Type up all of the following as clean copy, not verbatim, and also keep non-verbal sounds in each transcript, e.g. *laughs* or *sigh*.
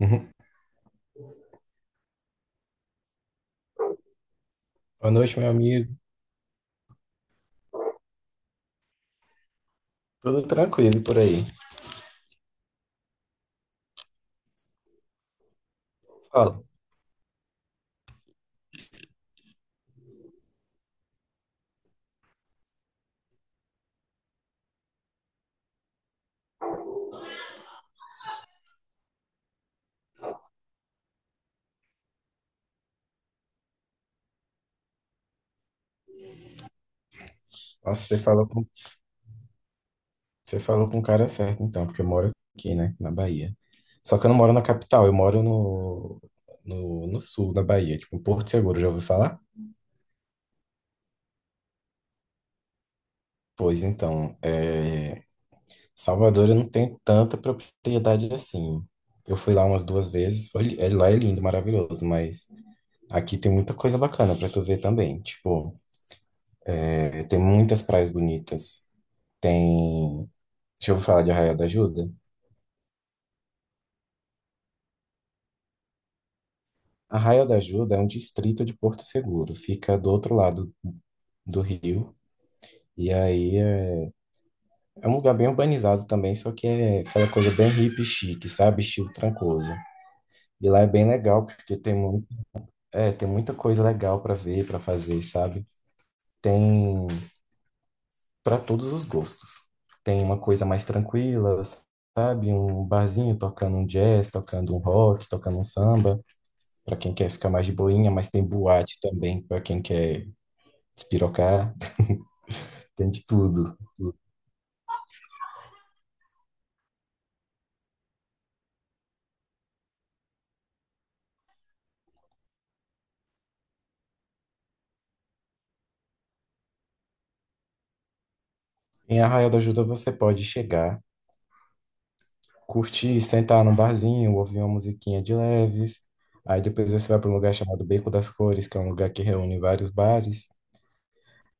Uhum. Boa noite, meu amigo. Tudo tranquilo por aí? Fala. Nossa, você falou com o cara certo, então, porque eu moro aqui, né, na Bahia. Só que eu não moro na capital, eu moro no, no, no sul da Bahia, tipo, em Porto Seguro, já ouviu falar? Pois então, é, Salvador eu não tenho tanta propriedade assim. Eu fui lá umas duas vezes, foi, é, lá é lindo, maravilhoso, mas aqui tem muita coisa bacana pra tu ver também. Tipo, é, tem muitas praias bonitas, tem... Deixa eu falar de Arraial da Ajuda. Arraial da Ajuda é um distrito de Porto Seguro, fica do outro lado do rio. E aí é, é um lugar bem urbanizado também, só que é aquela coisa bem hippie chique, sabe? Estilo Trancoso. E lá é bem legal, porque tem, muito, é, tem muita coisa legal para ver, para fazer, sabe? Tem para todos os gostos. Tem uma coisa mais tranquila, sabe? Um barzinho tocando um jazz, tocando um rock, tocando um samba, para quem quer ficar mais de boinha, mas tem boate também para quem quer despirocar. Tem de tudo. Em Arraial da Ajuda você pode chegar, curtir, sentar num barzinho, ouvir uma musiquinha de leves. Aí depois você vai para um lugar chamado Beco das Cores, que é um lugar que reúne vários bares.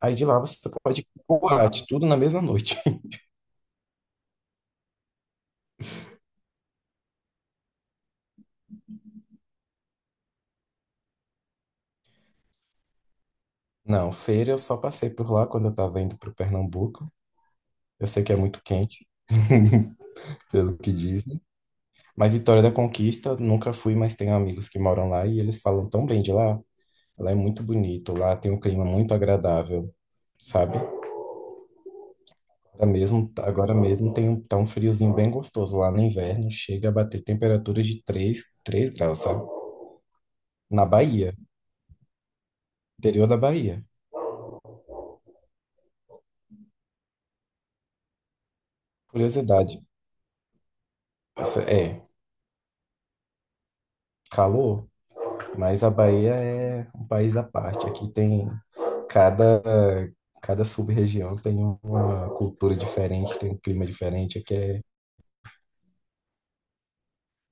Aí de lá você pode ir pro boate, tudo na mesma noite. *laughs* Não, feira eu só passei por lá quando eu tava indo pro Pernambuco. Eu sei que é muito quente, pelo que dizem. Mas Vitória da Conquista, nunca fui, mas tenho amigos que moram lá e eles falam tão bem de lá. Lá é muito bonito, lá tem um clima muito agradável, sabe? Agora mesmo tá um friozinho bem gostoso lá no inverno, chega a bater temperaturas de três graus, sabe? Na Bahia, interior da Bahia. Curiosidade, é calor, mas a Bahia é um país à parte. Aqui tem cada, cada sub-região tem uma cultura diferente, tem um clima diferente. Aqui é,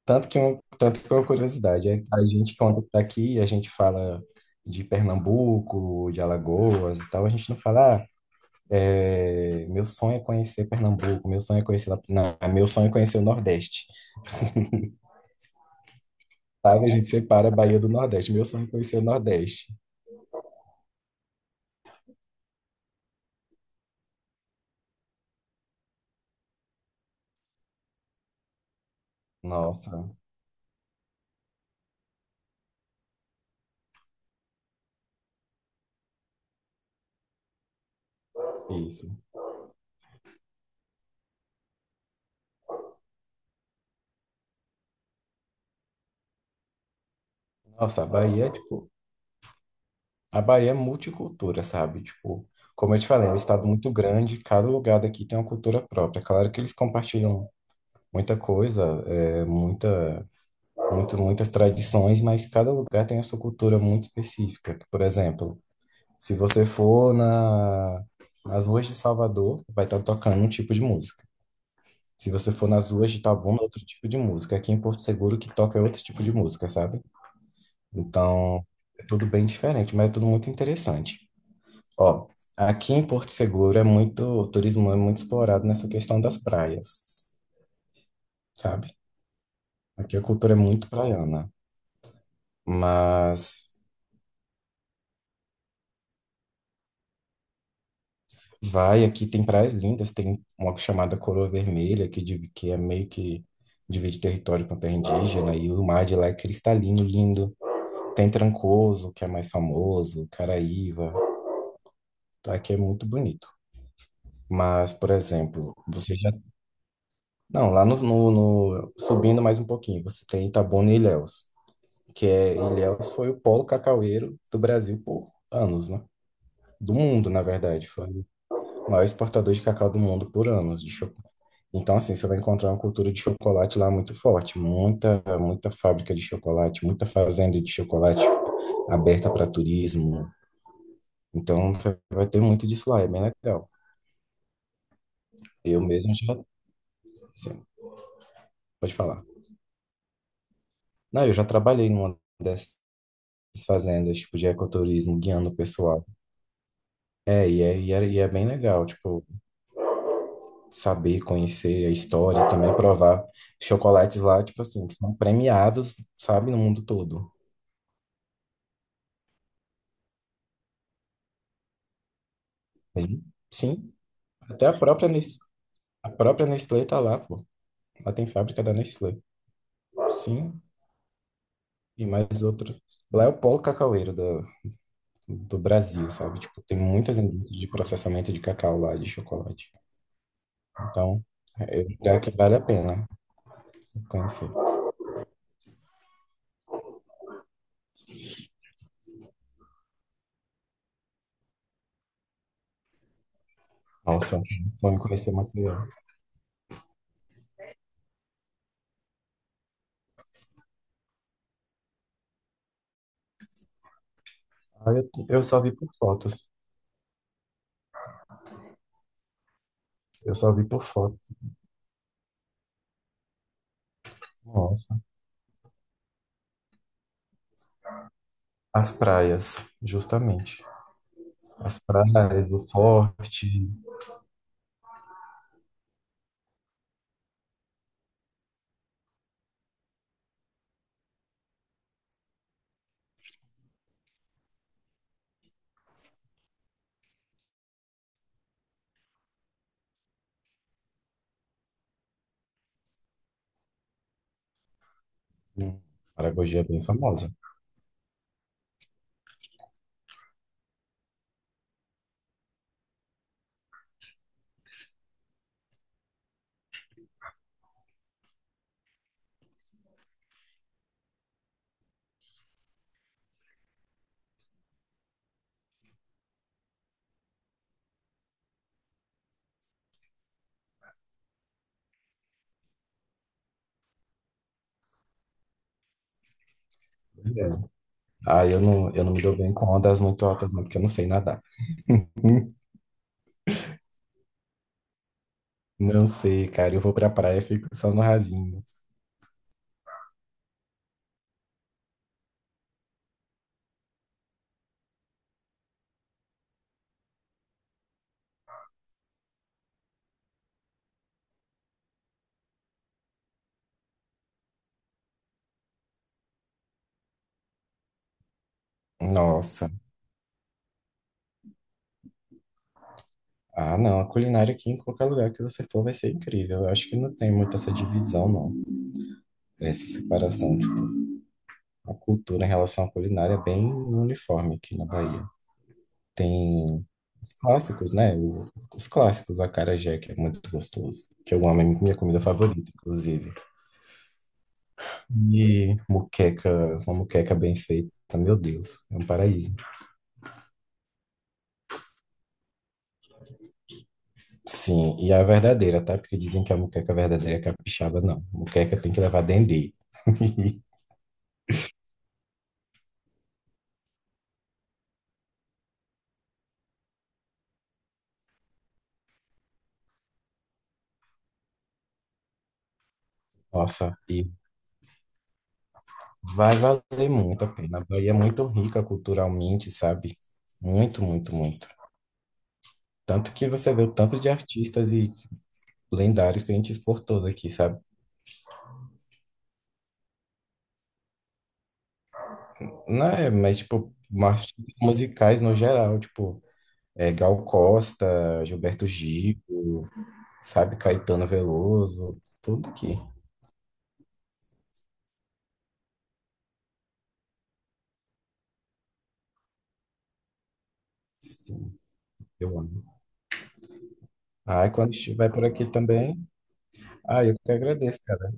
tanto que é uma curiosidade, é, a gente quando tá aqui, a gente fala de Pernambuco, de Alagoas e tal, a gente não fala. "Ah, é, meu sonho é conhecer Pernambuco, meu sonho é conhecer, não, meu sonho é conhecer o Nordeste, sabe? A gente separa a Bahia do Nordeste, meu sonho é conhecer o Nordeste." Nossa, isso. Nossa, a Bahia, é, tipo, a Bahia é multicultura, sabe? Tipo, como eu te falei, é um estado muito grande, cada lugar daqui tem uma cultura própria. Claro que eles compartilham muita coisa, muitas tradições, mas cada lugar tem a sua cultura muito específica. Por exemplo, se você for nas ruas de Salvador, vai estar tocando um tipo de música. Se você for nas ruas de Itabuna, é outro tipo de música. Aqui em Porto Seguro, o que toca é outro tipo de música, sabe? Então, é tudo bem diferente, mas é tudo muito interessante. Ó, aqui em Porto Seguro é muito, o turismo é muito explorado nessa questão das praias, sabe? Aqui a cultura é muito praiana, mas vai, aqui tem praias lindas, tem uma chamada Coroa Vermelha, que, que é meio que divide território com terra indígena, e o mar de lá é cristalino, lindo. Tem Trancoso, que é mais famoso, Caraíva, tá? Aqui é muito bonito. Mas, por exemplo, você já... Não, lá no, no- no- subindo mais um pouquinho, você tem Itabuna e Ilhéus, que é... Ilhéus foi o polo cacaueiro do Brasil por anos, né? Do mundo, na verdade, foi o maior exportador de cacau do mundo por anos, de. Então, assim, você vai encontrar uma cultura de chocolate lá muito forte, muita, muita fábrica de chocolate, muita fazenda de chocolate aberta para turismo. Então, você vai ter muito disso lá, é bem legal. Eu mesmo já, pode falar. Não, eu já trabalhei numa dessas fazendas, tipo, de ecoturismo, guiando o pessoal. É bem legal, tipo, saber, conhecer a história, também provar chocolates lá, tipo assim, que são premiados, sabe, no mundo todo. Sim, sim, até a própria Nestlé. A própria Nestlé tá lá, pô. Lá tem fábrica da Nestlé. Sim, e mais outra. Lá é o polo cacaueiro do Brasil, sabe? Tipo, tem muitas indústrias de processamento de cacau lá, de chocolate. Então, é um lugar que vale a pena conhecer. Nossa, é um sonho conhecer Maceió. Eu só vi por fotos. Eu só vi por fotos. Nossa. As praias, justamente. As praias, o forte. Hum, Maragogi é bem famosa. Pois é. Ah, eu não me dou bem com ondas muito altas, não, porque eu não sei nadar. Hum, Não sei, cara. Eu vou pra praia e fico só no rasinho. Nossa. Ah, não. A culinária aqui em qualquer lugar que você for vai ser incrível. Eu acho que não tem muito essa divisão, não. Essa separação. Tipo, a cultura em relação à culinária é bem uniforme aqui na Bahia. Tem os clássicos, né? Os clássicos, o acarajé, que é muito gostoso. Que eu amo, é minha comida favorita, inclusive. E muqueca, uma muqueca bem feita. Meu Deus, é um paraíso. Sim, e a verdadeira, tá? Porque dizem que a moqueca verdadeira é capixaba, não. Moqueca tem que levar dendê. *laughs* Nossa, e vai valer muito a pena. A Bahia é muito rica culturalmente, sabe? Muito, muito, muito. Tanto que você vê o tanto de artistas e lendários que a gente exportou daqui, sabe? Não é, mas, tipo, artistas musicais no geral, tipo, é, Gal Costa, Gilberto Gil, sabe? Caetano Veloso, tudo aqui. Sim, eu amo. Ai, quando estiver por aqui também, ai, eu que agradeço, cara.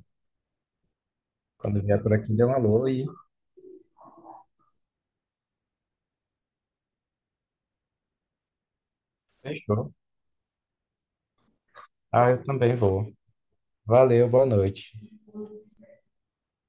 Quando vier por aqui, dê um alô e fechou. Ah, eu também vou. Valeu, boa noite.